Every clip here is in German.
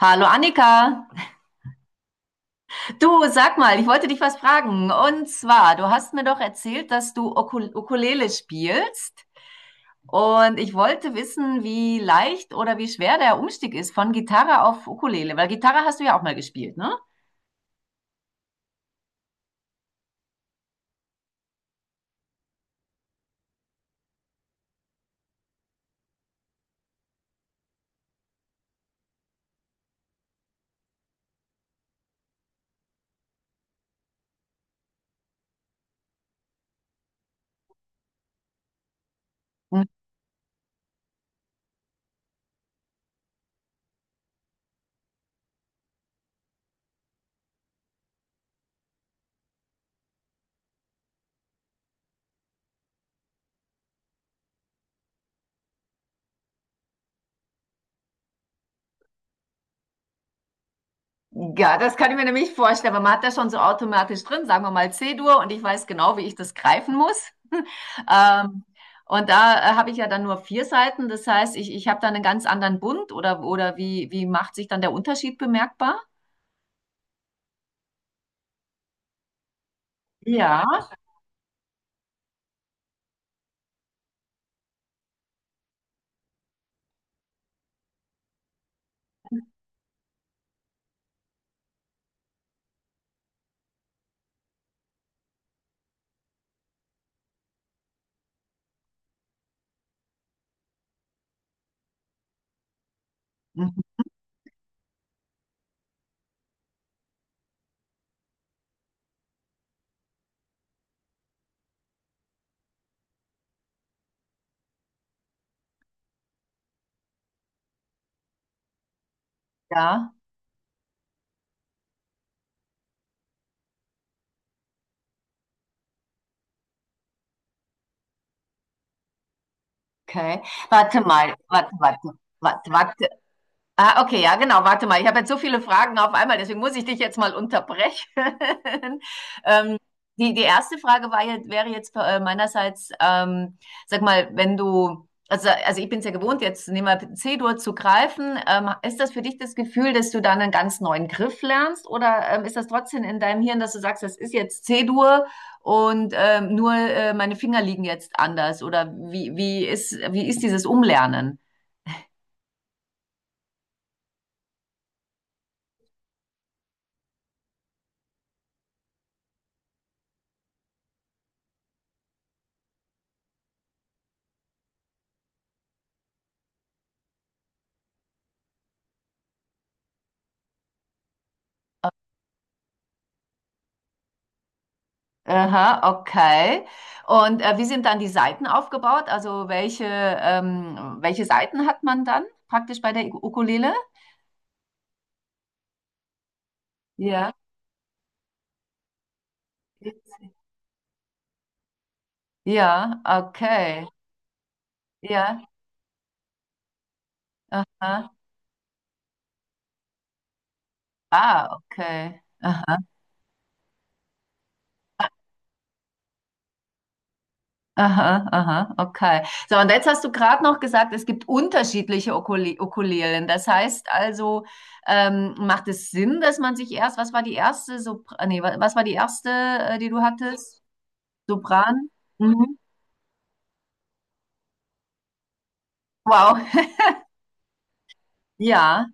Hallo Annika, du sag mal, ich wollte dich was fragen. Und zwar, du hast mir doch erzählt, dass du Ukulele spielst. Und ich wollte wissen, wie leicht oder wie schwer der Umstieg ist von Gitarre auf Ukulele, weil Gitarre hast du ja auch mal gespielt, ne? Ja, das kann ich mir nämlich vorstellen, weil man hat das schon so automatisch drin, sagen wir mal C-Dur, und ich weiß genau, wie ich das greifen muss. Ähm, und da habe ich ja dann nur vier Seiten, das heißt, ich habe dann einen ganz anderen Bund, oder wie macht sich dann der Unterschied bemerkbar? Ja. Mhm. Ja, okay. Warte mal, warte, warte, warte, warte. Ah, okay, ja, genau. Warte mal, ich habe jetzt so viele Fragen auf einmal, deswegen muss ich dich jetzt mal unterbrechen. Ähm, die erste Frage war wäre jetzt meinerseits, sag mal, wenn du, also ich bin es ja gewohnt, jetzt nehmen wir C-Dur zu greifen. Ist das für dich das Gefühl, dass du dann einen ganz neuen Griff lernst? Oder ist das trotzdem in deinem Hirn, dass du sagst, das ist jetzt C-Dur, und nur meine Finger liegen jetzt anders? Oder wie ist dieses Umlernen? Aha, okay. Und wie sind dann die Saiten aufgebaut? Also welche Saiten hat man dann praktisch bei der Ukulele? Ja. Ja, okay. Ja, aha. Ah, okay. Aha, aha, aha, okay. So, und jetzt hast du gerade noch gesagt, es gibt unterschiedliche Ukulelen. Das heißt also, macht es Sinn, dass man sich erst, was war die erste, Sopr nee, was war die erste, die du hattest? Sopran? Mhm. Wow. Ja.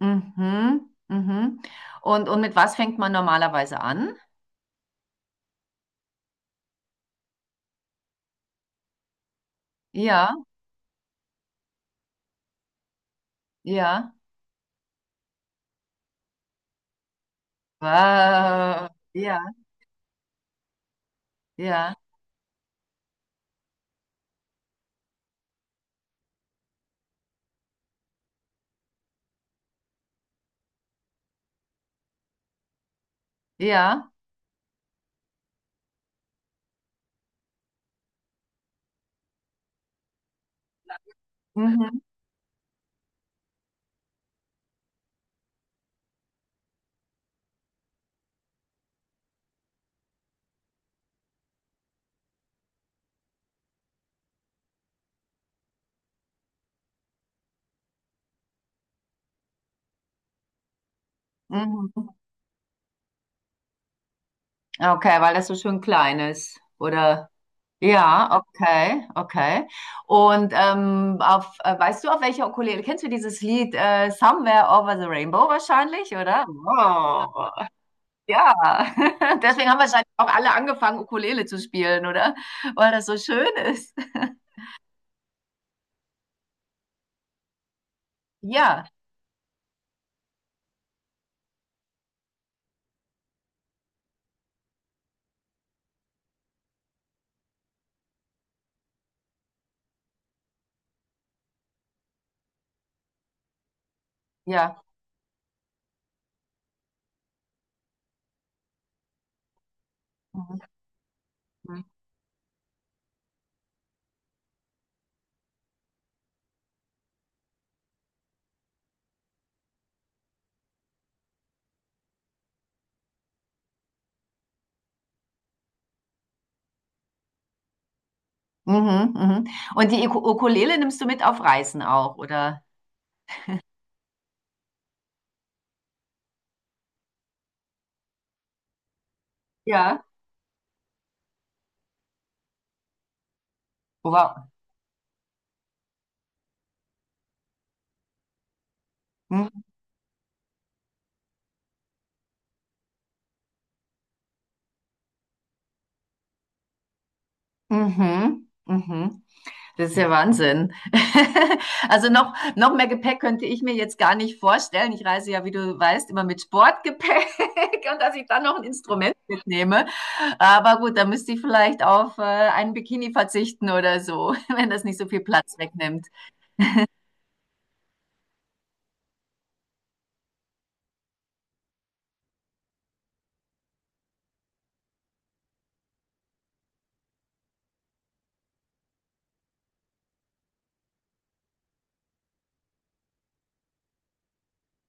Mhm. Mhm. Und mit was fängt man normalerweise an? Ja, ja. Wow. Ja, ja, ja. Mhm. Mhm. Okay, weil das so schön klein ist. Oder? Ja, okay, okay. Und weißt du, auf welcher Ukulele? Kennst du dieses Lied Somewhere Over the Rainbow wahrscheinlich, oder? Wow. Ja, deswegen haben wahrscheinlich auch alle angefangen, Ukulele zu spielen, oder? Weil das so schön ist. Ja, ja. Mhm, mhm, mhm. Mhm. Und die Ukulele nimmst du mit auf Reisen auch, oder? Ja. Wow. Mhm, mhm. Mhm. Das ist ja Wahnsinn. Also noch mehr Gepäck könnte ich mir jetzt gar nicht vorstellen. Ich reise ja, wie du weißt, immer mit Sportgepäck und dass ich dann noch ein Instrument mitnehme. Aber gut, da müsste ich vielleicht auf einen Bikini verzichten oder so, wenn das nicht so viel Platz wegnimmt.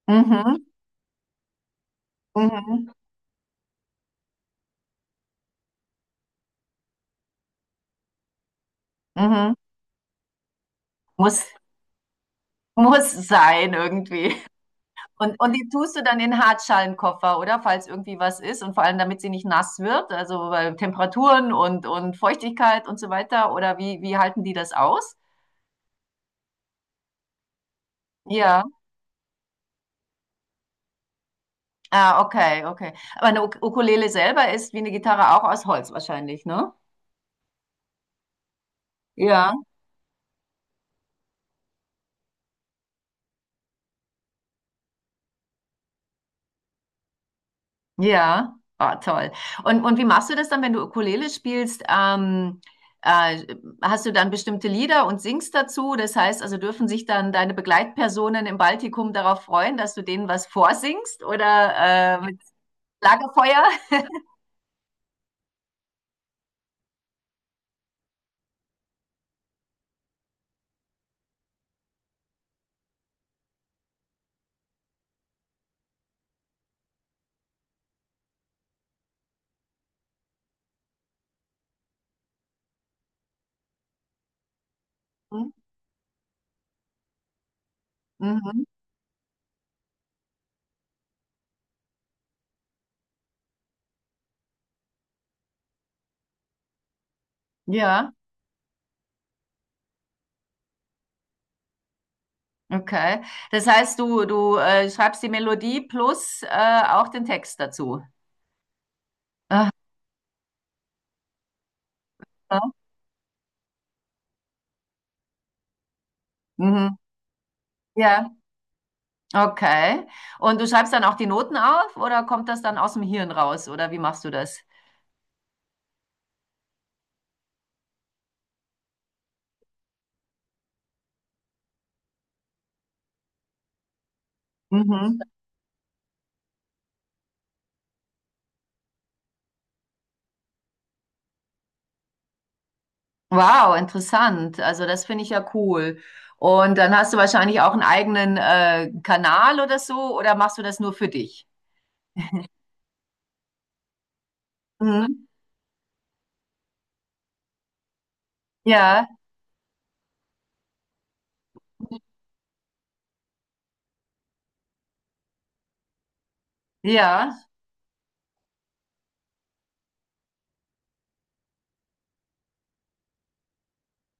Mhm, mhm, mhm. Muss Muss sein irgendwie. Und die tust du dann in den Hartschalenkoffer, oder? Falls irgendwie was ist, und vor allem, damit sie nicht nass wird, also, weil Temperaturen und Feuchtigkeit und so weiter, oder wie halten die das aus? Ja. Ah, okay, okay. Aber eine Uk Ukulele selber ist wie eine Gitarre auch aus Holz wahrscheinlich, ne? Ja. Ja, ah, toll. Und wie machst du das dann, wenn du Ukulele spielst? Äh, hast du dann bestimmte Lieder und singst dazu? Das heißt, also dürfen sich dann deine Begleitpersonen im Baltikum darauf freuen, dass du denen was vorsingst oder mit Lagerfeuer? Mhm. Mhm. Ja, okay. Das heißt, du schreibst die Melodie plus auch den Text dazu. Aha. Mhm. Ja. Okay. Und du schreibst dann auch die Noten auf, oder kommt das dann aus dem Hirn raus, oder wie machst du das? Mhm. Wow, interessant. Also das finde ich ja cool. Und dann hast du wahrscheinlich auch einen eigenen Kanal oder so, oder machst du das nur für dich? Mhm. Ja, ja.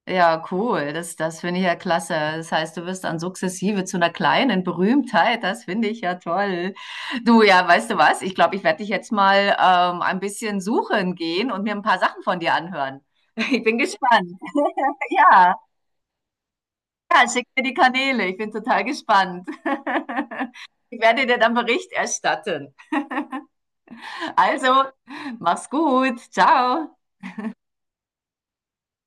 Ja, cool. Das finde ich ja klasse. Das heißt, du wirst dann sukzessive zu einer kleinen Berühmtheit. Das finde ich ja toll. Du, ja, weißt du was? Ich glaube, ich werde dich jetzt mal ein bisschen suchen gehen und mir ein paar Sachen von dir anhören. Ich bin gespannt. Ja, ja, schick mir die Kanäle. Ich bin total gespannt. Ich werde dir dann Bericht erstatten. Also, mach's gut. Ciao.